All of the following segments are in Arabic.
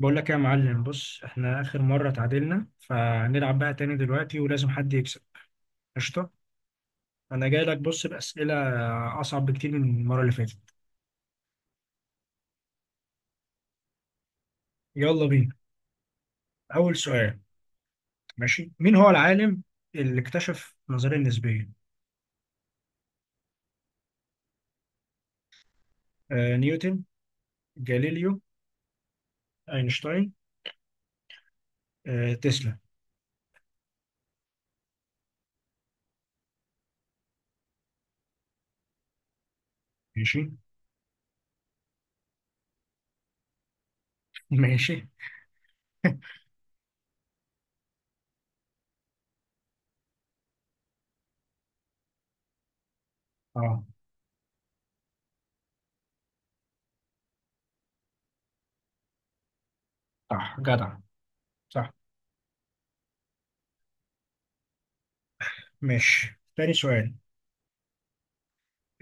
بقول لك يا معلم، بص احنا اخر مرة تعادلنا، فهنلعب بقى تاني دلوقتي ولازم حد يكسب. قشطة. انا جاي لك بص بأسئلة اصعب بكتير من المرة اللي فاتت. يلا بينا. اول سؤال: ماشي، مين هو العالم اللي اكتشف النظرية النسبية؟ آه، نيوتن، جاليليو، اينشتاين، آه تسلا. ماشي ماشي. اه صح، جدع، صح. ماشي، تاني سؤال: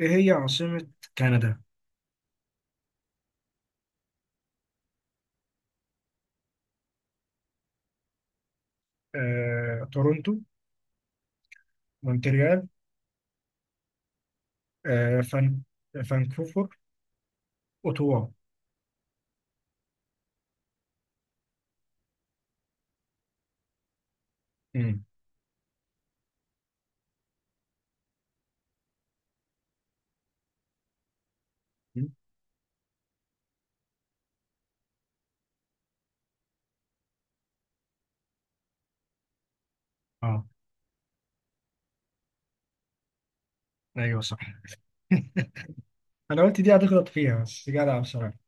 ايه هي عاصمة كندا؟ آه، تورونتو، مونتريال، آه فان... فانكوفر، أوتوا. مم. اه ايوه صح انا قلت دي هتغلط فيها، بس جدع بصراحة.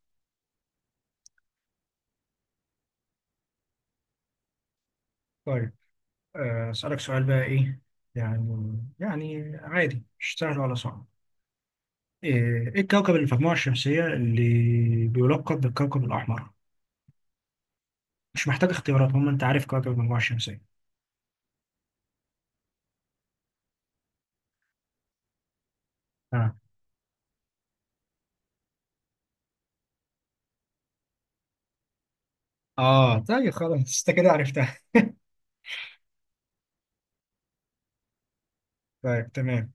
طيب آه، اسألك سؤال بقى، ايه يعني، يعني عادي، مش سهل ولا صعب. ايه إيه الكوكب اللي في المجموعة الشمسية اللي بيلقب بالكوكب الأحمر؟ مش محتاج اختيارات، هم انت عارف كوكب المجموعة الشمسية. اه. اه طيب خلاص، انت كده عرفتها. طيب تمام.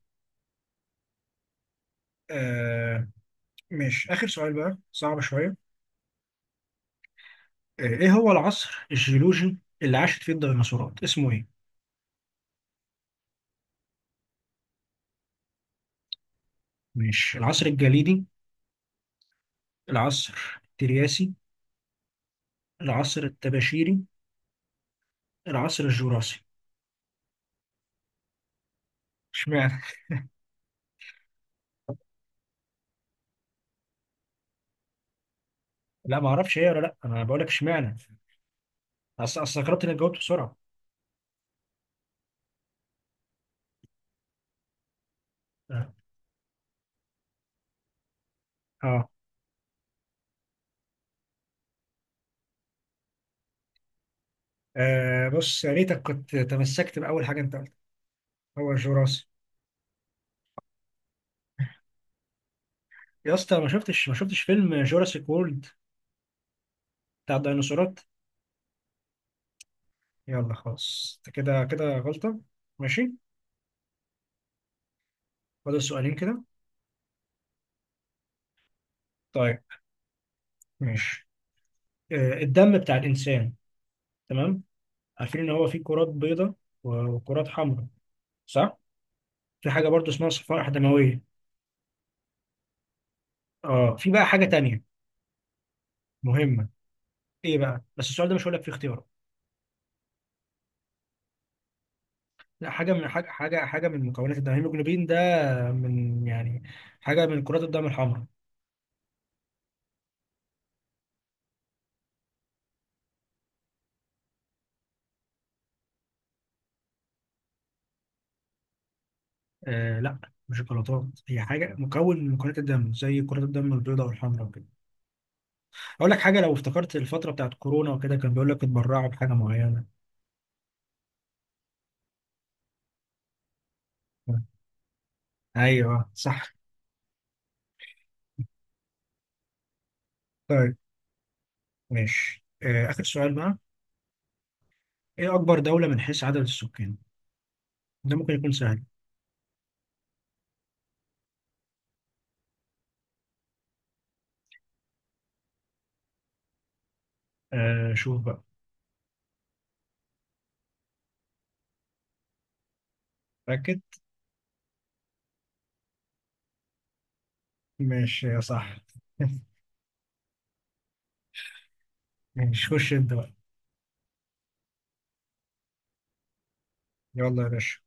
آه. مش آخر سؤال بقى، صعب شوية. آه، ايه هو العصر الجيولوجي اللي عاشت فيه الديناصورات، اسمه ايه؟ ماشي: العصر الجليدي، العصر الترياسي، العصر الطباشيري، العصر الجوراسي. اشمعنى؟ لا ما اعرفش ايه ولا لا، انا بقول لك اشمعنى. اصل استغربت انك جاوبت بسرعه. اه. آه. آه، بص يا ريتك كنت تمسكت باول حاجه انت قلتها، هو الجوراسي. يا اسطى ما شفتش فيلم جوراسيك وورلد بتاع الديناصورات؟ يلا خلاص، أنت كده كده غلطه. ماشي. فاضل سؤالين كده. طيب ماشي. آه، الدم بتاع الانسان، تمام، عارفين ان هو فيه كرات بيضاء وكرات حمراء، صح؟ في حاجه برضو اسمها صفائح دمويه. اه، في بقى حاجه تانية مهمه، ايه بقى؟ بس السؤال ده مش هقول لك فيه اختيارات. لا، حاجه من حاجه، حاجه من مكونات الدم، الهيموجلوبين ده آه، من يعني حاجه من كرات الدم الحمراء. آه لا، مش الجلطات، هي حاجه مكون من مكونات الدم زي كرات الدم البيضاء والحمراء وكده. اقول لك حاجه، لو افتكرت الفتره بتاعت كورونا وكده، كان بيقول لك اتبرعوا بحاجه معينه. آه، ايوه صح. طيب ماشي. آه، آخر سؤال بقى: إيه أكبر دولة من حيث عدد السكان؟ ده ممكن يكون سهل. آه شوف بقى. متأكد؟ ماشي يا صح. ماشي، خش أنت بقى. يلا يا باشا.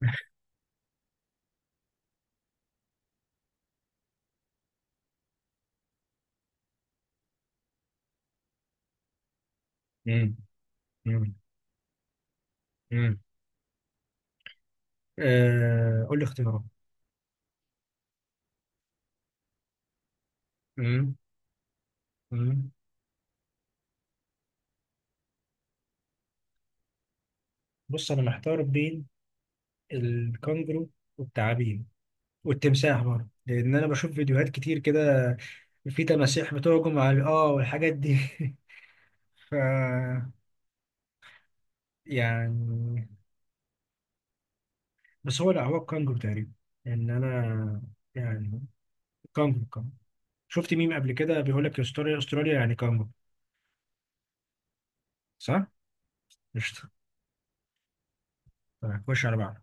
مم. مم. مم. آه قول لي اختيارات. مم. مم. بص أنا محتار بين الكنجرو والتعابين والتمساح برضه، لأن أنا بشوف فيديوهات كتير كده، في تماسيح بتهجم على آه والحاجات دي ف يعني، بس هو لا، هو الكانجرو تقريبا، انا يعني. كانجرو كانجرو، شفت ميم قبل كده بيقول لك استراليا استراليا يعني كانجرو. صح؟ قشطه. طيب، خش على بعض.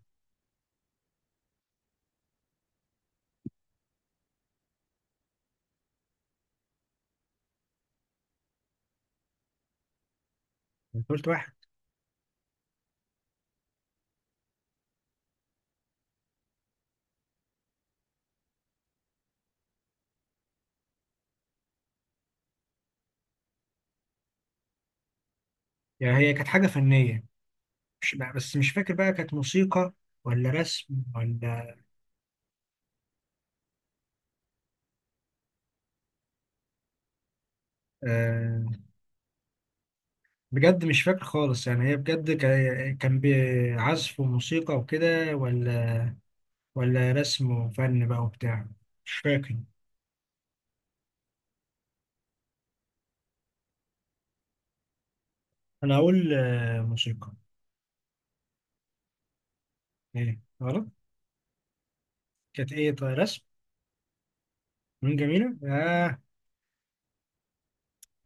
قلت واحد. يعني هي كانت حاجه فنيه، مش بس مش فاكر بقى، كانت موسيقى ولا رسم ولا. آه. بجد مش فاكر خالص، يعني هي بجد كان بعزف وموسيقى وكده، ولا ولا رسم وفن بقى وبتاع، مش فاكر. انا هقول آه موسيقى. ايه غلط؟ كانت ايه طيب، رسم؟ مين جميلة؟ آه،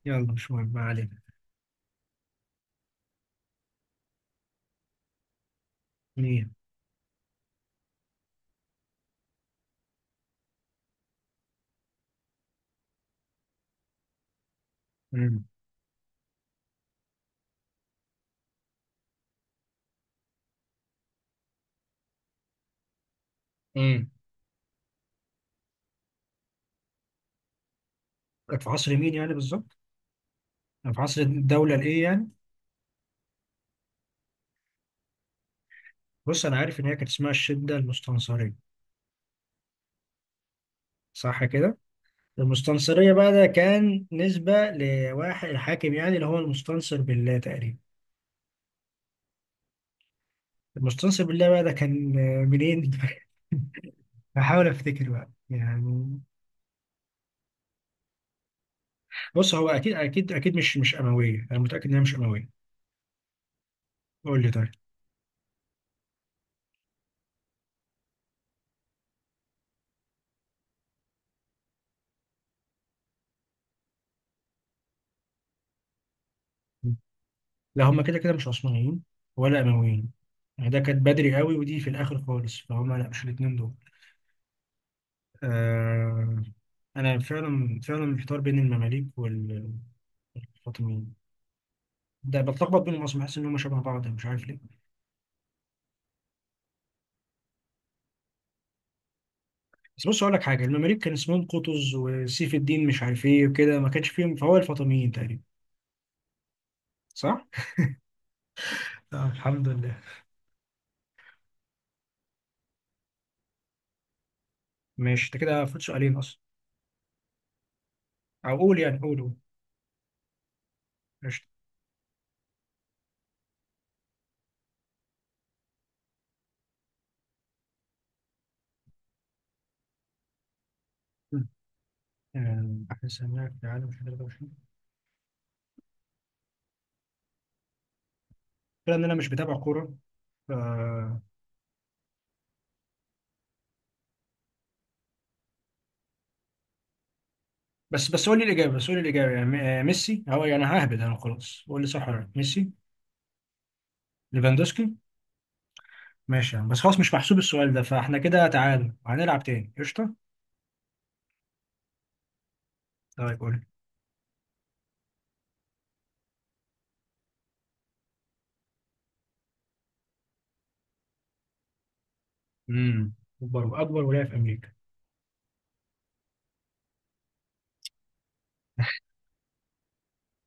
يلا مش مهم، ما علينا. مين؟ مم. مم. كانت في عصر مين يعني بالظبط؟ كانت في عصر الدولة الإيه يعني؟ بص أنا عارف إن هي كانت اسمها الشدة المستنصرية. صح كده؟ المستنصرية بقى، ده كان نسبة لواحد الحاكم يعني، اللي هو المستنصر بالله تقريبا. المستنصر بالله بقى، ده كان آه، منين؟ بحاول أفتكر بقى يعني. بص، هو أكيد أكيد أكيد مش مش أموية، أنا متأكد إن هي مش أموية. قول لي طيب. لا هم كده كده مش عثمانيين ولا أمويين، يعني ده كانت بدري قوي ودي في الآخر خالص، فهم لا مش الاتنين دول. آه، أنا فعلا فعلا محتار بين المماليك وال- والفاطميين، ده بتلخبط بينهم أصلا، بحس إن هم شبه بعض مش عارف ليه. بس بص أقول لك حاجة، المماليك كان اسمهم قطز وسيف الدين مش عارف إيه وكده، ما كانش فيهم، فهو الفاطميين تقريبا. صح؟ آه، الحمد لله. ماشي أنت كده فوت سؤالين أصلا. أو قول يعني، قول قول. قشطة. آه، أحسن لاعب في العالم في 23. كده انا مش بتابع كوره، ف... بس قول لي الاجابه، بس قول لي الاجابه يعني م- آه، ميسي هو يعني؟ ههبد انا، خلاص قول لي صح ولا لا، ميسي؟ ليفاندوسكي. ماشي يا عم، بس خلاص مش محسوب السؤال ده، فاحنا كده تعادل، هنلعب تاني. قشطه. طيب قول لي. امم، اكبر ولايه في امريكا.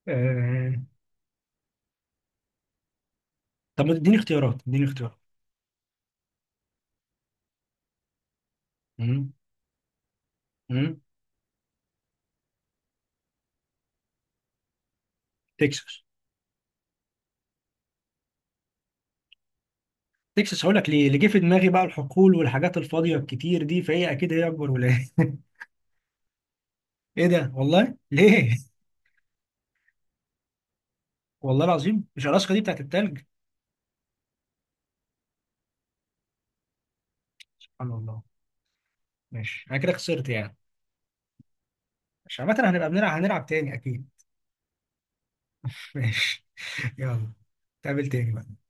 آه... طب ما تديني اختيارات، اديني اختيارات. امم. امم. تكساس. تكساس هقول لك ليه، اللي جه في دماغي بقى الحقول والحاجات الفاضيه الكتير دي، فهي اكيد هي اكبر ولايه ايه ده والله، ليه؟ والله العظيم مش الاسكا دي بتاعت التلج. سبحان الله. ماشي، انا كده خسرت يعني. مش عامة، هنبقى بنلعب، هنلعب تاني اكيد. ماشي. يلا، نتقابل تاني بقى.